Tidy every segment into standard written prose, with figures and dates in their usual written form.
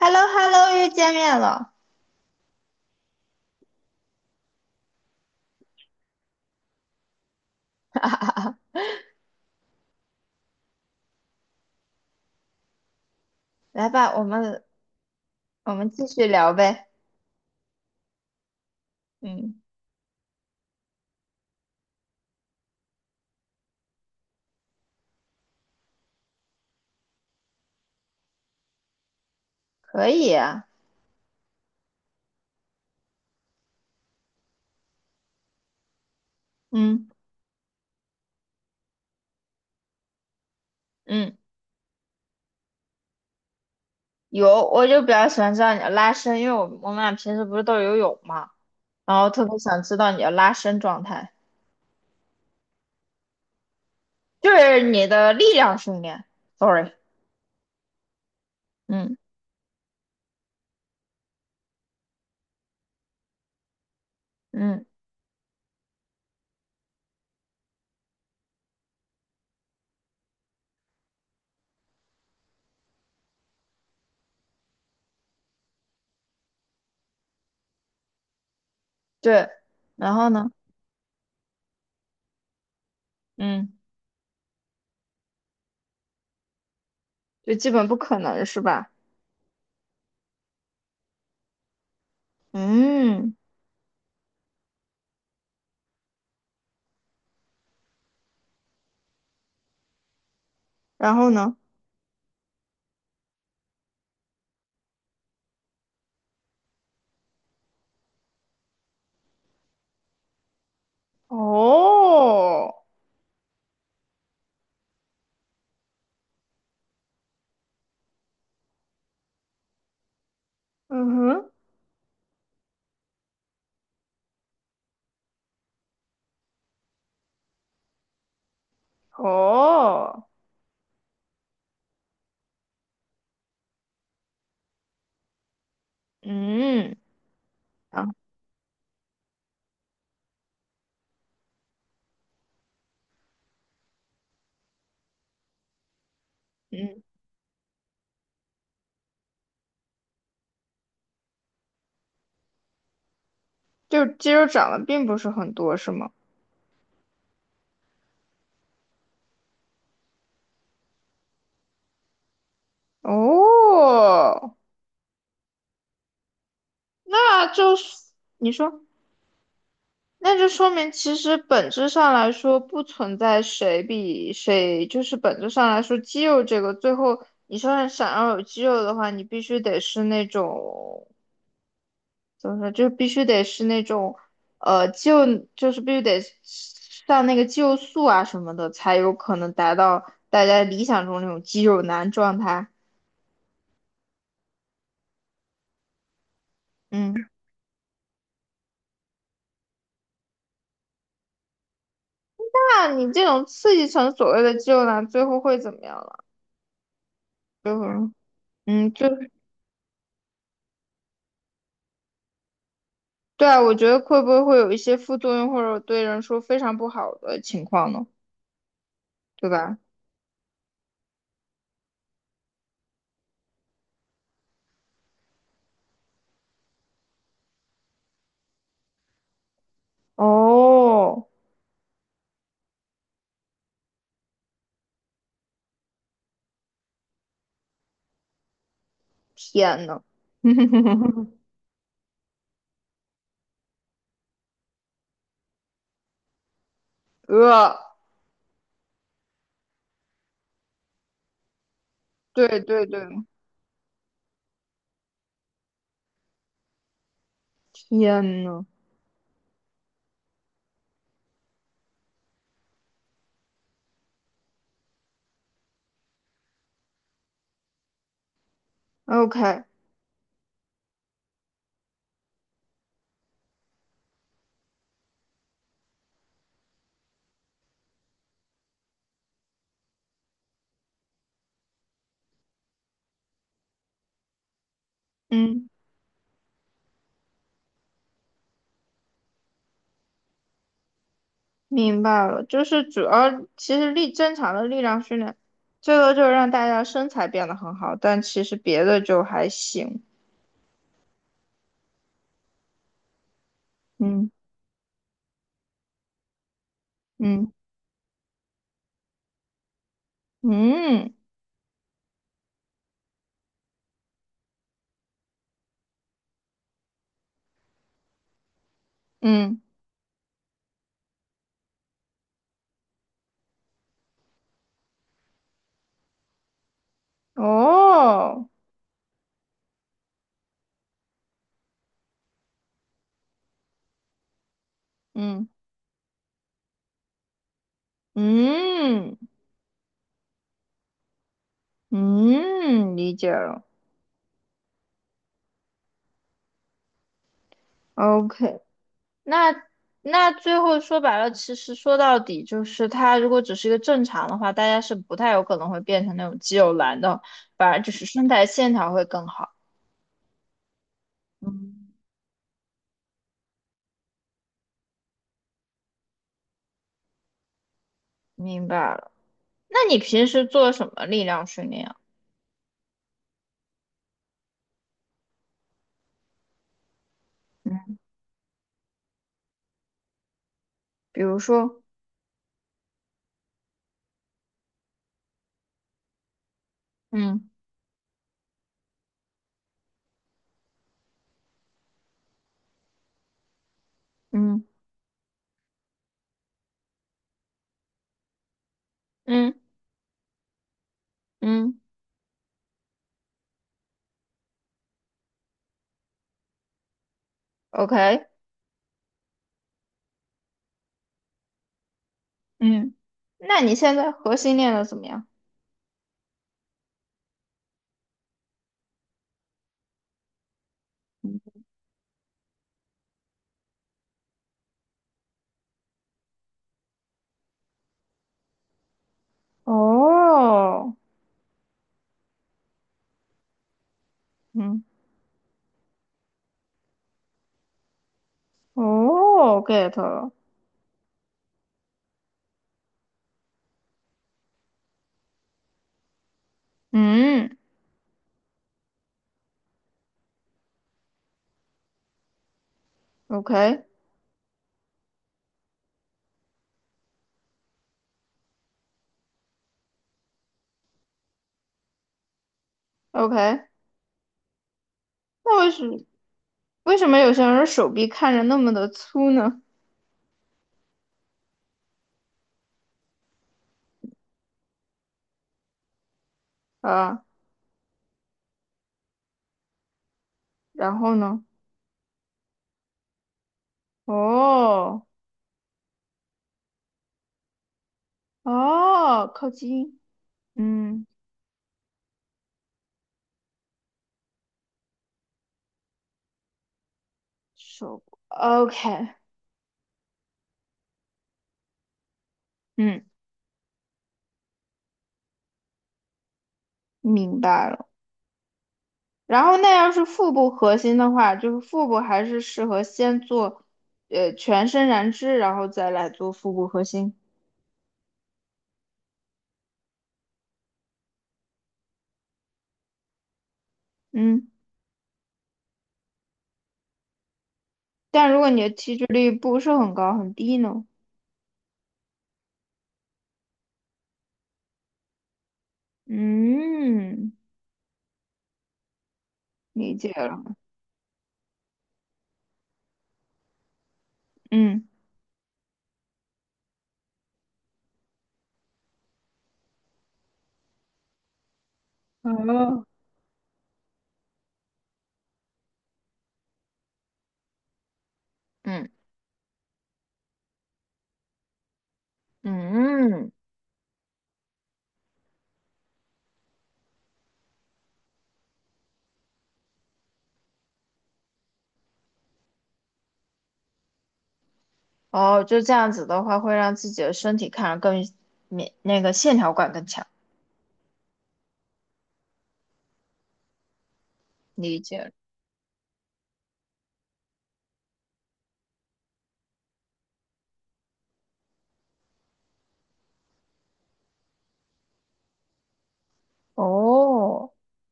h e l l o h e l l o 又见面了。来吧，我们继续聊呗。嗯，可以啊。嗯嗯，有，我就比较喜欢知道你的拉伸，因为我们俩平时不是都游泳嘛，然后特别想知道你的拉伸状态，就是你的力量训练。Sorry。嗯嗯，对。然后呢？嗯，就基本不可能是吧？嗯，然后呢？哦，嗯哼，哦，嗯。啊。嗯。就肌肉长得并不是很多，是吗？哦，那就是。你说。那就说明其实本质上来说不存在谁比谁，就是本质上来说，肌肉这个最后你说想要有肌肉的话，你必须得是那种怎么说，就必须得是那种呃就就是必须得上那个肌肉素啊什么的，才有可能达到大家理想中那种肌肉男状态。嗯。那你这种刺激成所谓的肌肉男，最后会怎么样了？最后。嗯，就对啊，我觉得会不会会有一些副作用，或者对人说非常不好的情况呢？对吧？哦，天呐。呃，对对对，天呐。 o k 嗯，明白了，就是主要其实正常的力量训练，最多就是让大家身材变得很好，但其实别的就还行。嗯嗯嗯嗯。哦，嗯嗯嗯，理解了。OK。那那最后说白了，其实说到底就是，它如果只是一个正常的话，大家是不太有可能会变成那种肌肉男的，反而就是身材线条会更好。嗯，明白了。那你平时做什么力量训练啊？嗯，比如说，嗯嗯嗯嗯，OK，嗯，那你现在核心练的怎么样？哦，嗯，哦，get 了，嗯，OK OK，那为什么有些人手臂看着那么的粗呢？啊，然后呢？哦哦，靠近，嗯，手，OK，嗯，明白了。然后那要是腹部核心的话，就是腹部还是适合先做，全身燃脂，然后再来做腹部核心。嗯，但如果你的体脂率不是很高，很低呢？嗯，理解了。嗯哦，嗯嗯，哦，就这样子的话，会让自己的身体看着更免那个线条感更强。理解了。哦，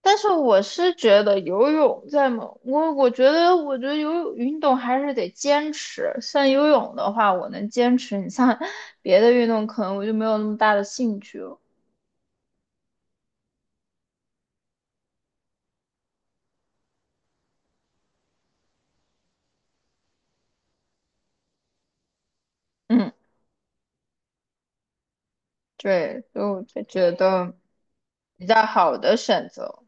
但是我是觉得游泳在某，我我觉得我觉得游泳运动还是得坚持。像游泳的话，我能坚持，你像 别的运动，可能我就没有那么大的兴趣了。嗯，对，所以我就觉得比较好的选择。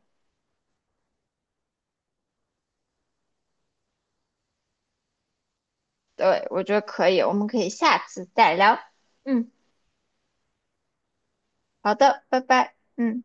对，我觉得可以，我们可以下次再聊。嗯，好的，拜拜。嗯。